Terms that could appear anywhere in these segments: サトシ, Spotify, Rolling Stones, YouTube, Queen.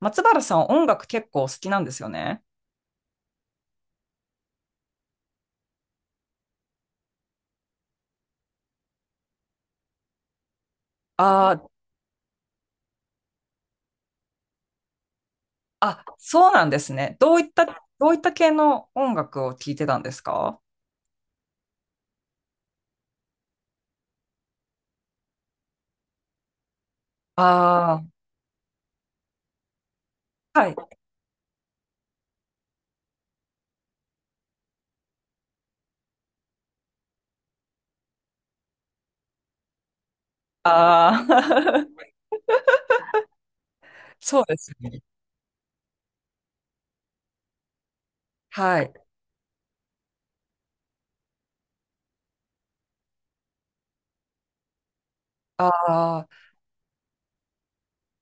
松原さん、音楽結構好きなんですよね。あーあ、そうなんですね。どういった系の音楽を聴いてたんですか？ああー、はい。ああ、そうですね。はい。ああ、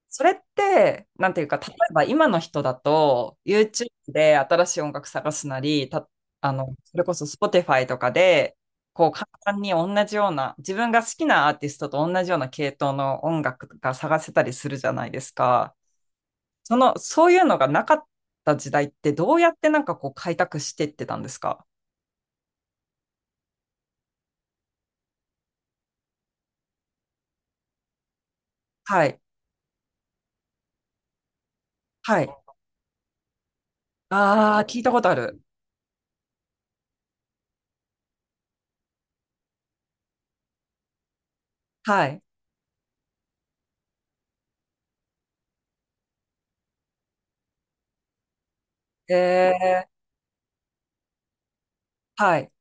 それって、なんていうか、例えば今の人だと、YouTube で新しい音楽探すなり、た、あの、それこそ Spotify とかで、こう、簡単に同じような、自分が好きなアーティストと同じような系統の音楽が探せたりするじゃないですか。その、そういうのがなかった時代ってどうやってなんかこう開拓していってたんですか？はい。はい。ああ、聞いたことある。はい。えー、はい。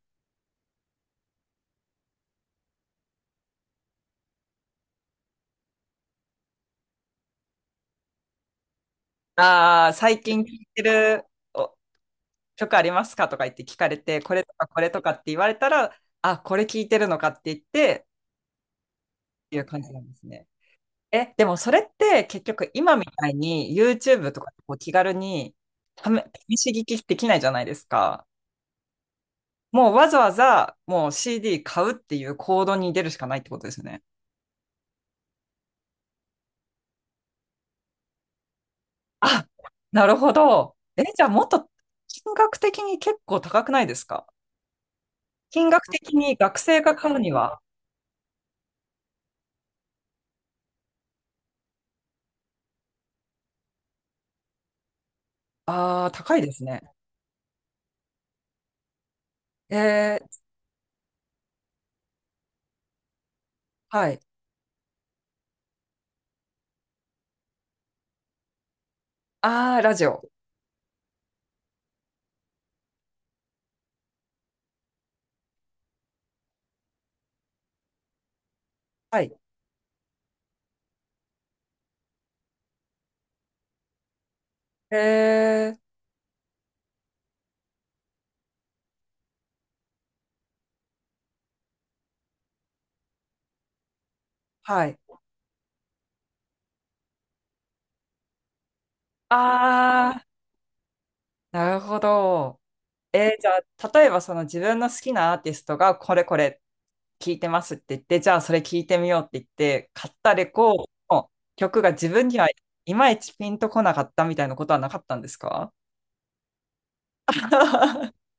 ああ、最近聴いてるお曲ありますかとか言って聞かれて、これとかこれとかって言われたら、あ、これ聞いてるのかって言って、っていう感じなんですね。え、でもそれって結局今みたいに YouTube とかでこう気軽に試し聞きできないじゃないですか。もうわざわざもう CD 買うっていう行動に出るしかないってことですよね。あ、なるほど。え、じゃあもっと金額的に結構高くないですか？金額的に学生が買うには。ああ、高いですね。えー、はい。ああ、ラジオ。はい。えー、はい。ああ、なるほど。じゃあ、例えばその自分の好きなアーティストがこれこれっ聞いてますって言って、じゃあそれ聞いてみようって言って、買ったレコードの曲が自分にはいまいちピンとこなかったみたいなことはなかったんですか？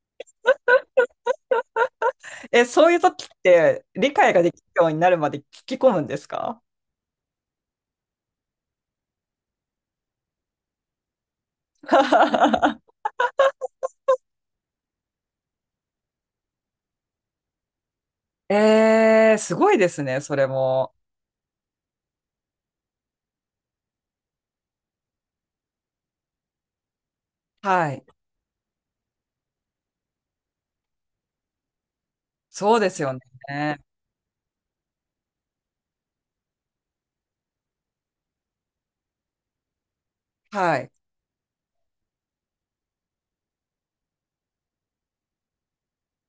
え、そういう時って理解ができるようになるまで聞き込むんですか？ えー、すごいですね、それも。はい。そうですよね。はい。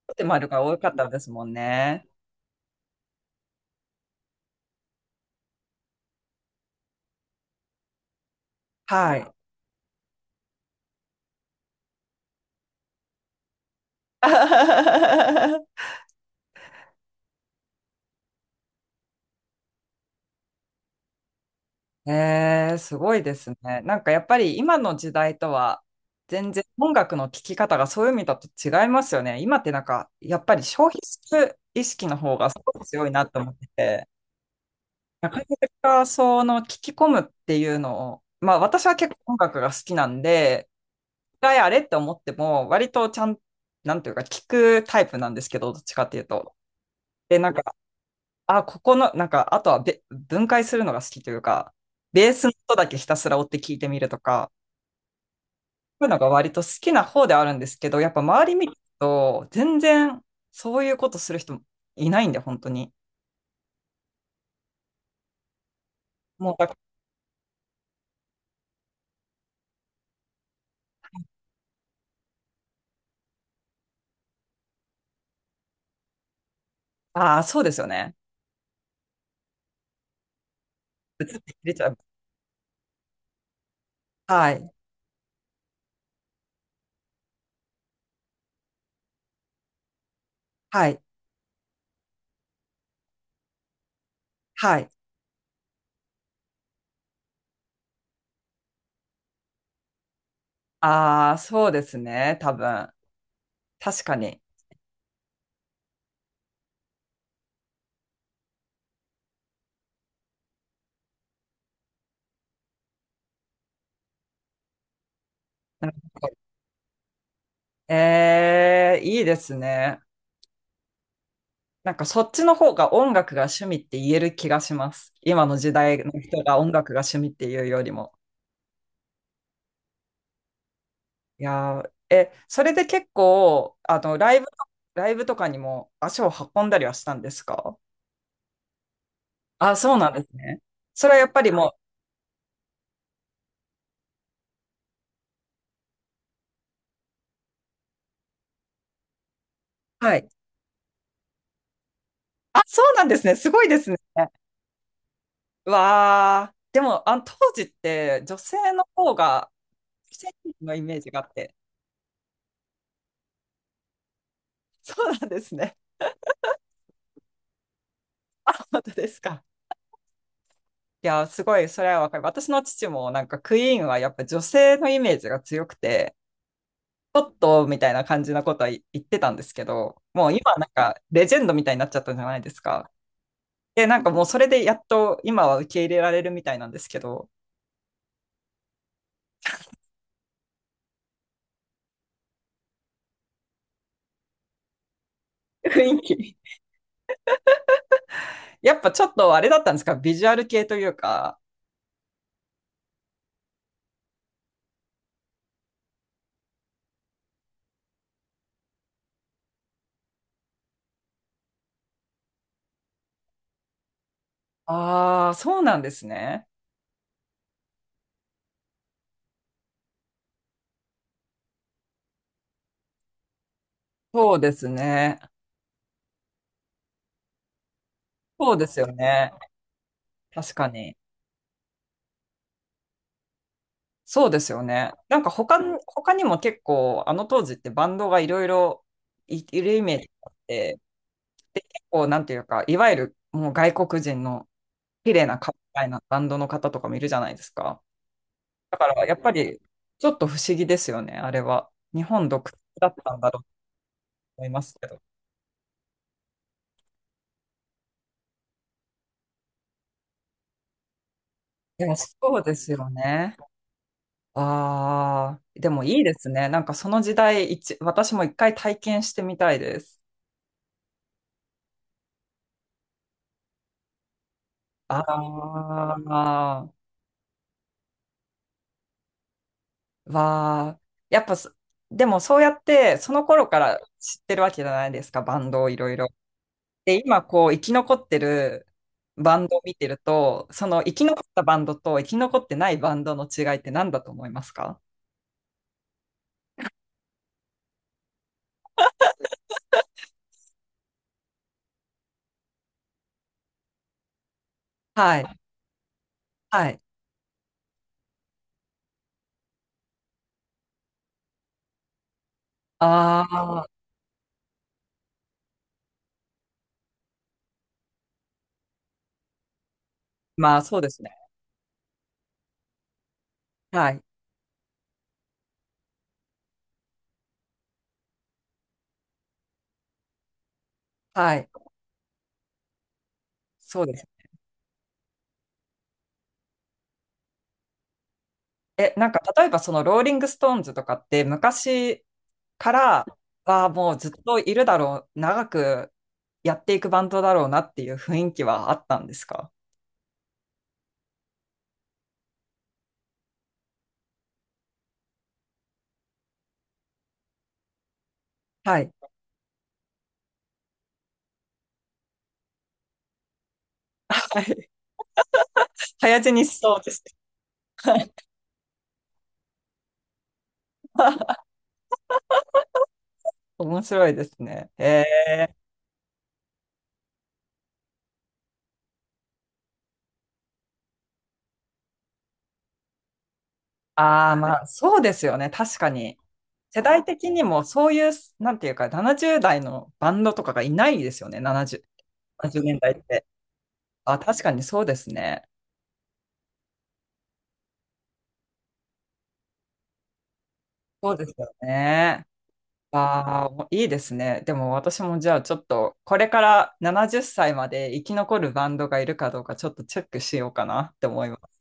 ってまるが多かったですもんね。はい。えーすごいですね。なんかやっぱり今の時代とは全然音楽の聴き方がそういう意味だと違いますよね。今ってなんかやっぱり消費する意識の方がすごく強いなと思ってて、なかなかその聞き込むっていうのを、まあ私は結構音楽が好きなんで、一回あれって思っても割とちゃん、なんていうか聞くタイプなんですけど、どっちかっていうと。で、なんかあ、ここの、なんか、あとは分解するのが好きというか、ベースの音だけひたすら追って聞いてみるとか、そういうのが割と好きな方であるんですけど、やっぱ周り見ると、全然そういうことする人いないんで、本当に。もうだ、ああ、そうですよね。出ちゃう。はい、はい、はい。ああ、そうですね、多分。確かに。なるほど。ええ、いいですね。なんかそっちの方が音楽が趣味って言える気がします。今の時代の人が音楽が趣味っていうよりも。いやー、え、それで結構、ライブとかにも足を運んだりはしたんですか？あ、そうなんですね。それはやっぱりもう、はい。あ、そうなんですね。すごいですね。わあ、でも、あの、当時って女性の方が、女性のイメージがあって。そうなんですね。本当ですか。いや、すごい、それはわかる。私の父もなんかクイーンはやっぱ女性のイメージが強くて、ちょっとみたいな感じのことは言ってたんですけど、もう今なんかレジェンドみたいになっちゃったじゃないですか。で、なんかもうそれでやっと今は受け入れられるみたいなんですけど、雰囲気。やっぱちょっとあれだったんですか、ビジュアル系というか。ああ、そうなんですね。そうですね。そうですよね。確かに。そうですよね。なんか他に、他にも結構、あの当時ってバンドがいろいろいるイメージがあって、で、結構、なんていうか、いわゆるもう外国人の綺麗な顔みたいなバンドの方とかもいるじゃないですか。だから、やっぱり、ちょっと不思議ですよね、あれは。日本独特だったんだろうと思いますけど。いや、そうですよね。ああ、でもいいですね。なんかその時代一、私も一回体験してみたいです。ああ。わあ、やっぱそ、でもそうやってその頃から知ってるわけじゃないですか、バンドをいろいろ。で、今こう生き残ってるバンドを見てると、その生き残ったバンドと生き残ってないバンドの違いって何だと思いますか？はい。はい。ああ、まあそうですね。はい。はい。そうです。え、なんか例えばそのローリング・ストーンズとかって昔からはもうずっといるだろう、長くやっていくバンドだろうなっていう雰囲気はあったんですか？はい。はい。早死にしそうです。面白いですね。えー、ああ、まあそうですよね。確かに。世代的にもそういう、なんていうか、70代のバンドとかがいないですよね。70、70年代って。あ、確かにそうですね。そうですよね。ああ、いいですね。でも私もじゃあちょっと、これから70歳まで生き残るバンドがいるかどうかちょっとチェックしようかなって思います。